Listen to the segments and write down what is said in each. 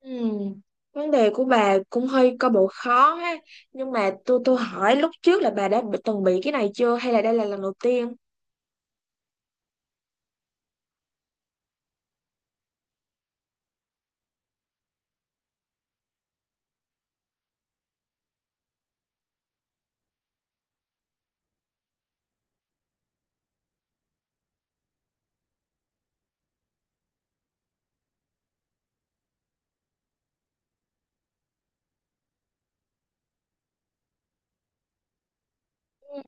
Ừ. Vấn đề của bà cũng hơi có bộ khó ha. Nhưng mà tôi hỏi lúc trước là bà từng bị cái này chưa hay là đây là lần đầu tiên? Ừ.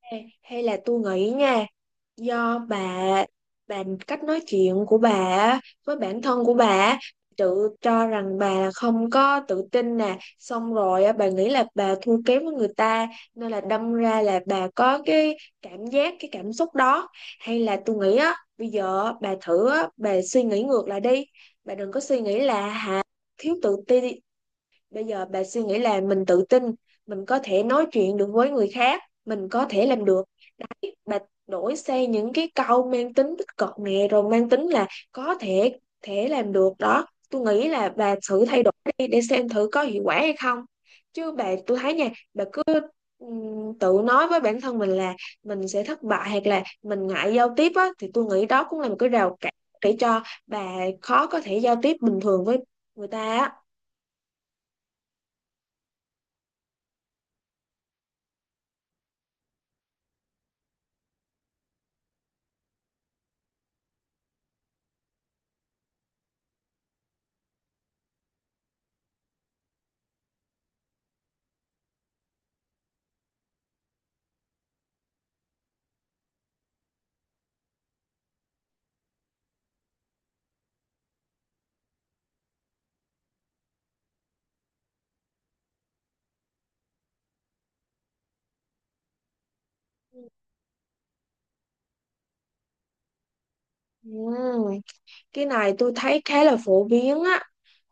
Hay hay là tôi nghĩ nha, do bà cách nói chuyện của bà với bản thân của bà tự cho rằng bà không có tự tin nè, xong rồi á, bà nghĩ là bà thua kém với người ta, nên là đâm ra là bà có cái cảm giác, cái cảm xúc đó. Hay là tôi nghĩ á, bây giờ á, bà thử á, bà suy nghĩ ngược lại đi. Bà đừng có suy nghĩ là hả, thiếu tự tin. Bây giờ bà suy nghĩ là mình tự tin, mình có thể nói chuyện được với người khác, mình có thể làm được. Bà đổi sang những cái câu mang tính tích cực nè, rồi mang tính là có thể thể làm được đó. Tôi nghĩ là bà thử thay đổi đi để xem thử có hiệu quả hay không. Chứ bà, tôi thấy nha, bà cứ tự nói với bản thân mình là mình sẽ thất bại, hoặc là mình ngại giao tiếp á, thì tôi nghĩ đó cũng là một cái rào cản để cho bà khó có thể giao tiếp bình thường với người ta á. Ừm, cái này tôi thấy khá là phổ biến á.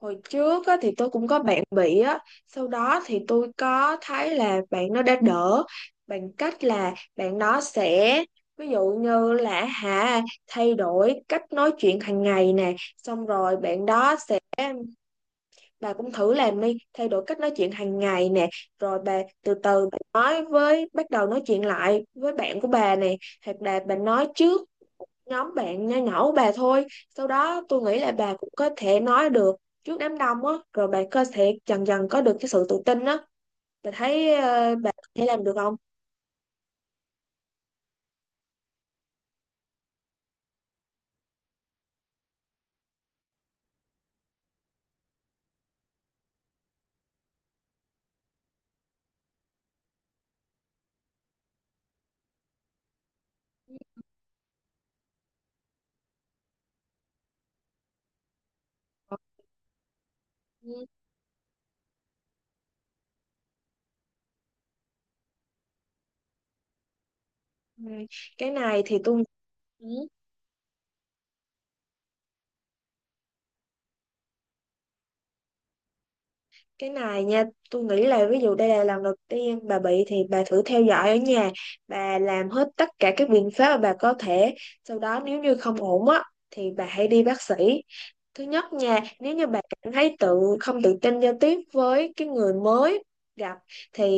Hồi trước á, thì tôi cũng có bạn bị á, sau đó thì tôi có thấy là bạn nó đã đỡ, bằng cách là bạn nó sẽ, ví dụ như là hả, thay đổi cách nói chuyện hàng ngày nè, xong rồi bạn đó sẽ, bà cũng thử làm đi, thay đổi cách nói chuyện hàng ngày nè, rồi bà từ từ bà nói với bắt đầu nói chuyện lại với bạn của bà nè, hoặc là bà nói trước nhóm bạn nho nhỏ của bà thôi, sau đó tôi nghĩ là bà cũng có thể nói được trước đám đông á, rồi bà có thể dần dần có được cái sự tự tin á. Bà thấy ờ, bà có thể làm được không? Ừ. Cái này thì tôi, ừ, cái này nha, tôi nghĩ là ví dụ đây là lần đầu tiên bà bị thì bà thử theo dõi ở nhà, bà làm hết tất cả các biện pháp mà bà có thể, sau đó nếu như không ổn á thì bà hãy đi bác sĩ. Thứ nhất nha, nếu như bạn cảm thấy tự không tự tin giao tiếp với cái người mới gặp, thì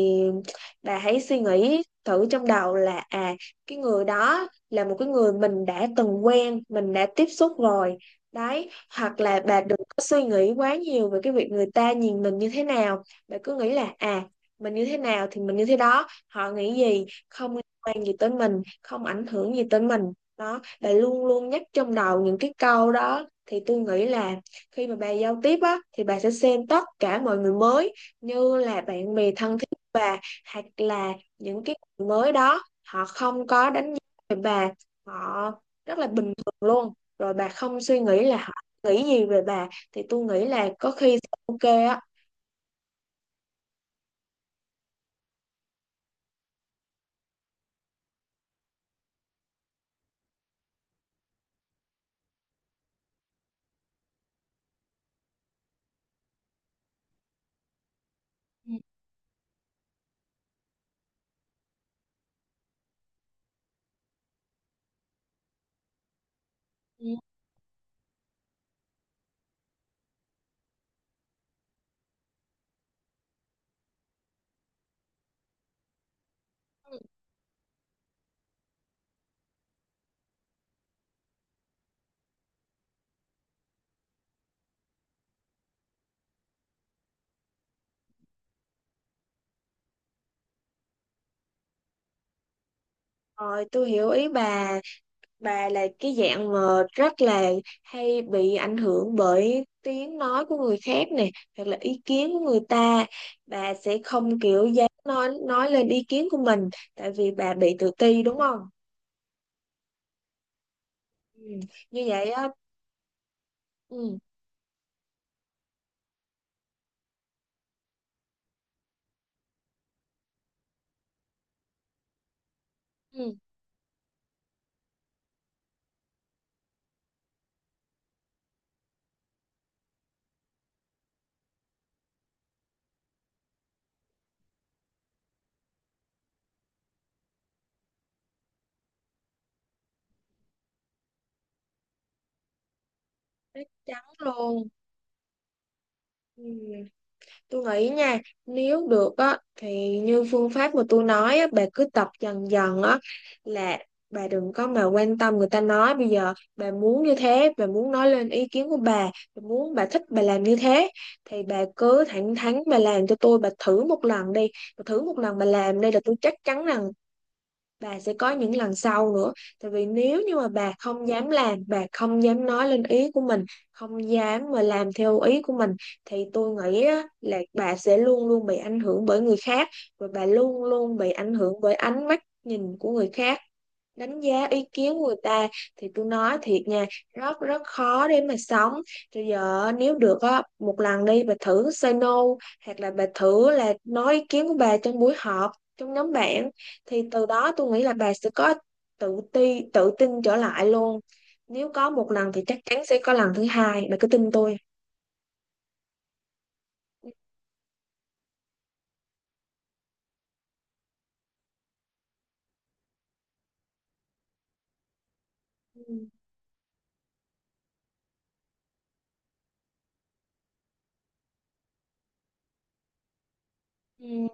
bà hãy suy nghĩ thử trong đầu là à, cái người đó là một cái người mình đã từng quen, mình đã tiếp xúc rồi. Đấy, hoặc là bà đừng có suy nghĩ quá nhiều về cái việc người ta nhìn mình như thế nào. Bà cứ nghĩ là à, mình như thế nào thì mình như thế đó, họ nghĩ gì không liên quan gì tới mình, không ảnh hưởng gì tới mình. Đó, bà luôn luôn nhắc trong đầu những cái câu đó, thì tôi nghĩ là khi mà bà giao tiếp á, thì bà sẽ xem tất cả mọi người mới như là bạn bè thân thiết của bà, hoặc là những cái người mới đó họ không có đánh giá về bà, họ rất là bình thường luôn, rồi bà không suy nghĩ là họ nghĩ gì về bà, thì tôi nghĩ là có khi sẽ ok á. Ừ. Rồi tôi hiểu ý bà. Bà là cái dạng mà rất là hay bị ảnh hưởng bởi tiếng nói của người khác nè, hoặc là ý kiến của người ta. Bà sẽ không kiểu dám nói lên ý kiến của mình tại vì bà bị tự ti, đúng không? Ừ, như vậy á. Ừ. Ừ, chắc chắn luôn. Ừ. Tôi nghĩ nha, nếu được á thì như phương pháp mà tôi nói á, bà cứ tập dần dần á, là bà đừng có mà quan tâm người ta nói. Bây giờ bà muốn như thế, bà muốn nói lên ý kiến của bà muốn bà thích bà làm như thế, thì bà cứ thẳng thắn bà làm cho tôi, bà thử một lần đi, bà thử một lần bà làm đi, là tôi chắc chắn rằng bà sẽ có những lần sau nữa. Tại vì nếu như mà bà không dám làm, bà không dám nói lên ý của mình, không dám mà làm theo ý của mình, thì tôi nghĩ á, là bà sẽ luôn luôn bị ảnh hưởng bởi người khác, và bà luôn luôn bị ảnh hưởng bởi ánh mắt nhìn của người khác, đánh giá ý kiến của người ta, thì tôi nói thiệt nha, rất rất khó để mà sống. Rồi giờ nếu được á, một lần đi bà thử say no, hoặc là bà thử là nói ý kiến của bà trong buổi họp, trong nhóm bạn, thì từ đó tôi nghĩ là bà sẽ có tự ti, tự tin trở lại luôn. Nếu có một lần thì chắc chắn sẽ có lần thứ hai, bà cứ tin tôi. Ừ. Ừ.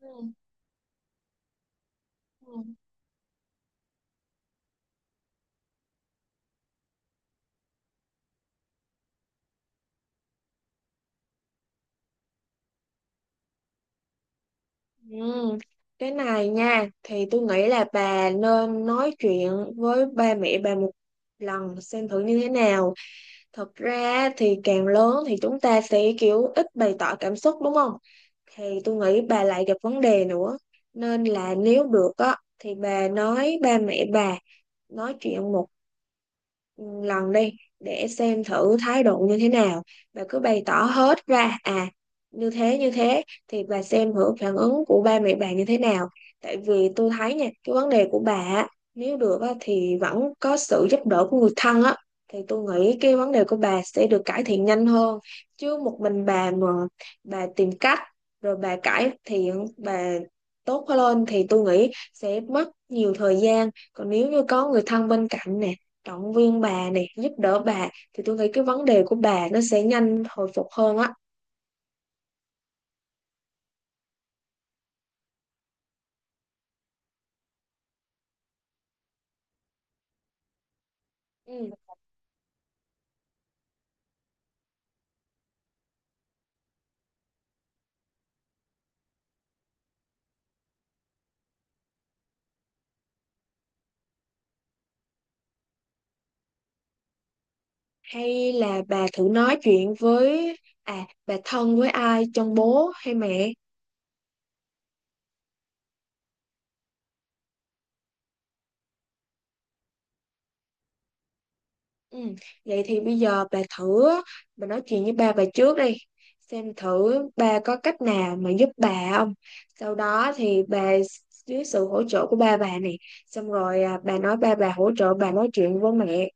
Ừ. Ừ. Ừ. Cái này nha, thì tôi nghĩ là bà nên nói chuyện với ba mẹ bà một lần xem thử như thế nào. Thật ra thì càng lớn thì chúng ta sẽ kiểu ít bày tỏ cảm xúc, đúng không? Thì tôi nghĩ bà lại gặp vấn đề nữa, nên là nếu được á, thì bà nói ba mẹ bà nói chuyện một lần đi, để xem thử thái độ như thế nào, và cứ bày tỏ hết ra à, như thế như thế, thì bà xem thử phản ứng của ba mẹ bà như thế nào. Tại vì tôi thấy nha, cái vấn đề của bà á, nếu được á, thì vẫn có sự giúp đỡ của người thân á, thì tôi nghĩ cái vấn đề của bà sẽ được cải thiện nhanh hơn. Chứ một mình bà mà bà tìm cách, rồi bà cải thiện bà tốt lên, thì tôi nghĩ sẽ mất nhiều thời gian. Còn nếu như có người thân bên cạnh nè, động viên bà này, giúp đỡ bà, thì tôi nghĩ cái vấn đề của bà nó sẽ nhanh hồi phục hơn á. Ừ. Hay là bà thử nói chuyện với à bà thân với ai trong bố hay mẹ? Ừ. Vậy thì bây giờ bà thử, bà nói chuyện với ba bà trước đi, xem thử ba có cách nào mà giúp bà không, sau đó thì bà dưới sự hỗ trợ của ba bà này, xong rồi à, bà nói ba bà hỗ trợ bà nói chuyện với mẹ.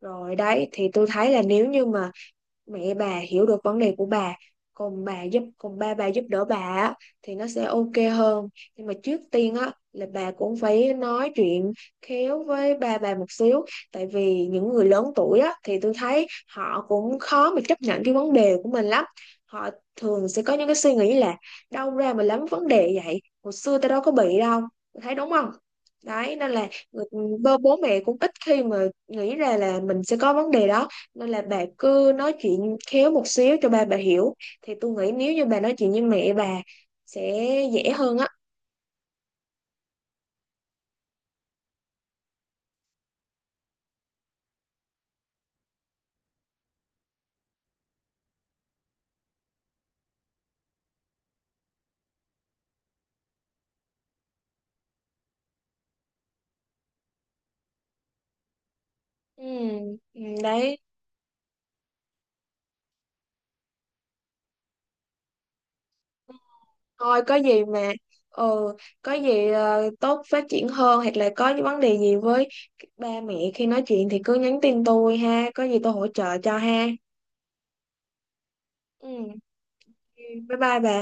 Rồi đấy, thì tôi thấy là nếu như mà mẹ bà hiểu được vấn đề của bà, còn bà giúp, còn ba bà giúp đỡ bà á, thì nó sẽ ok hơn. Nhưng mà trước tiên á, là bà cũng phải nói chuyện khéo với ba bà một xíu, tại vì những người lớn tuổi á, thì tôi thấy họ cũng khó mà chấp nhận cái vấn đề của mình lắm. Họ thường sẽ có những cái suy nghĩ là đâu ra mà lắm vấn đề vậy, hồi xưa tao đâu có bị đâu. Tôi thấy đúng không? Đấy, nên là bố bố mẹ cũng ít khi mà nghĩ ra là mình sẽ có vấn đề đó, nên là bà cứ nói chuyện khéo một xíu cho ba bà hiểu, thì tôi nghĩ nếu như bà nói chuyện với mẹ bà sẽ dễ hơn á. Ừ, ừ, đấy, thôi có gì mà, ừ, có gì ờ, tốt phát triển hơn, hoặc là có những vấn đề gì với ba mẹ khi nói chuyện thì cứ nhắn tin tôi ha, có gì tôi hỗ trợ cho ha. Ừ, bye bye bà.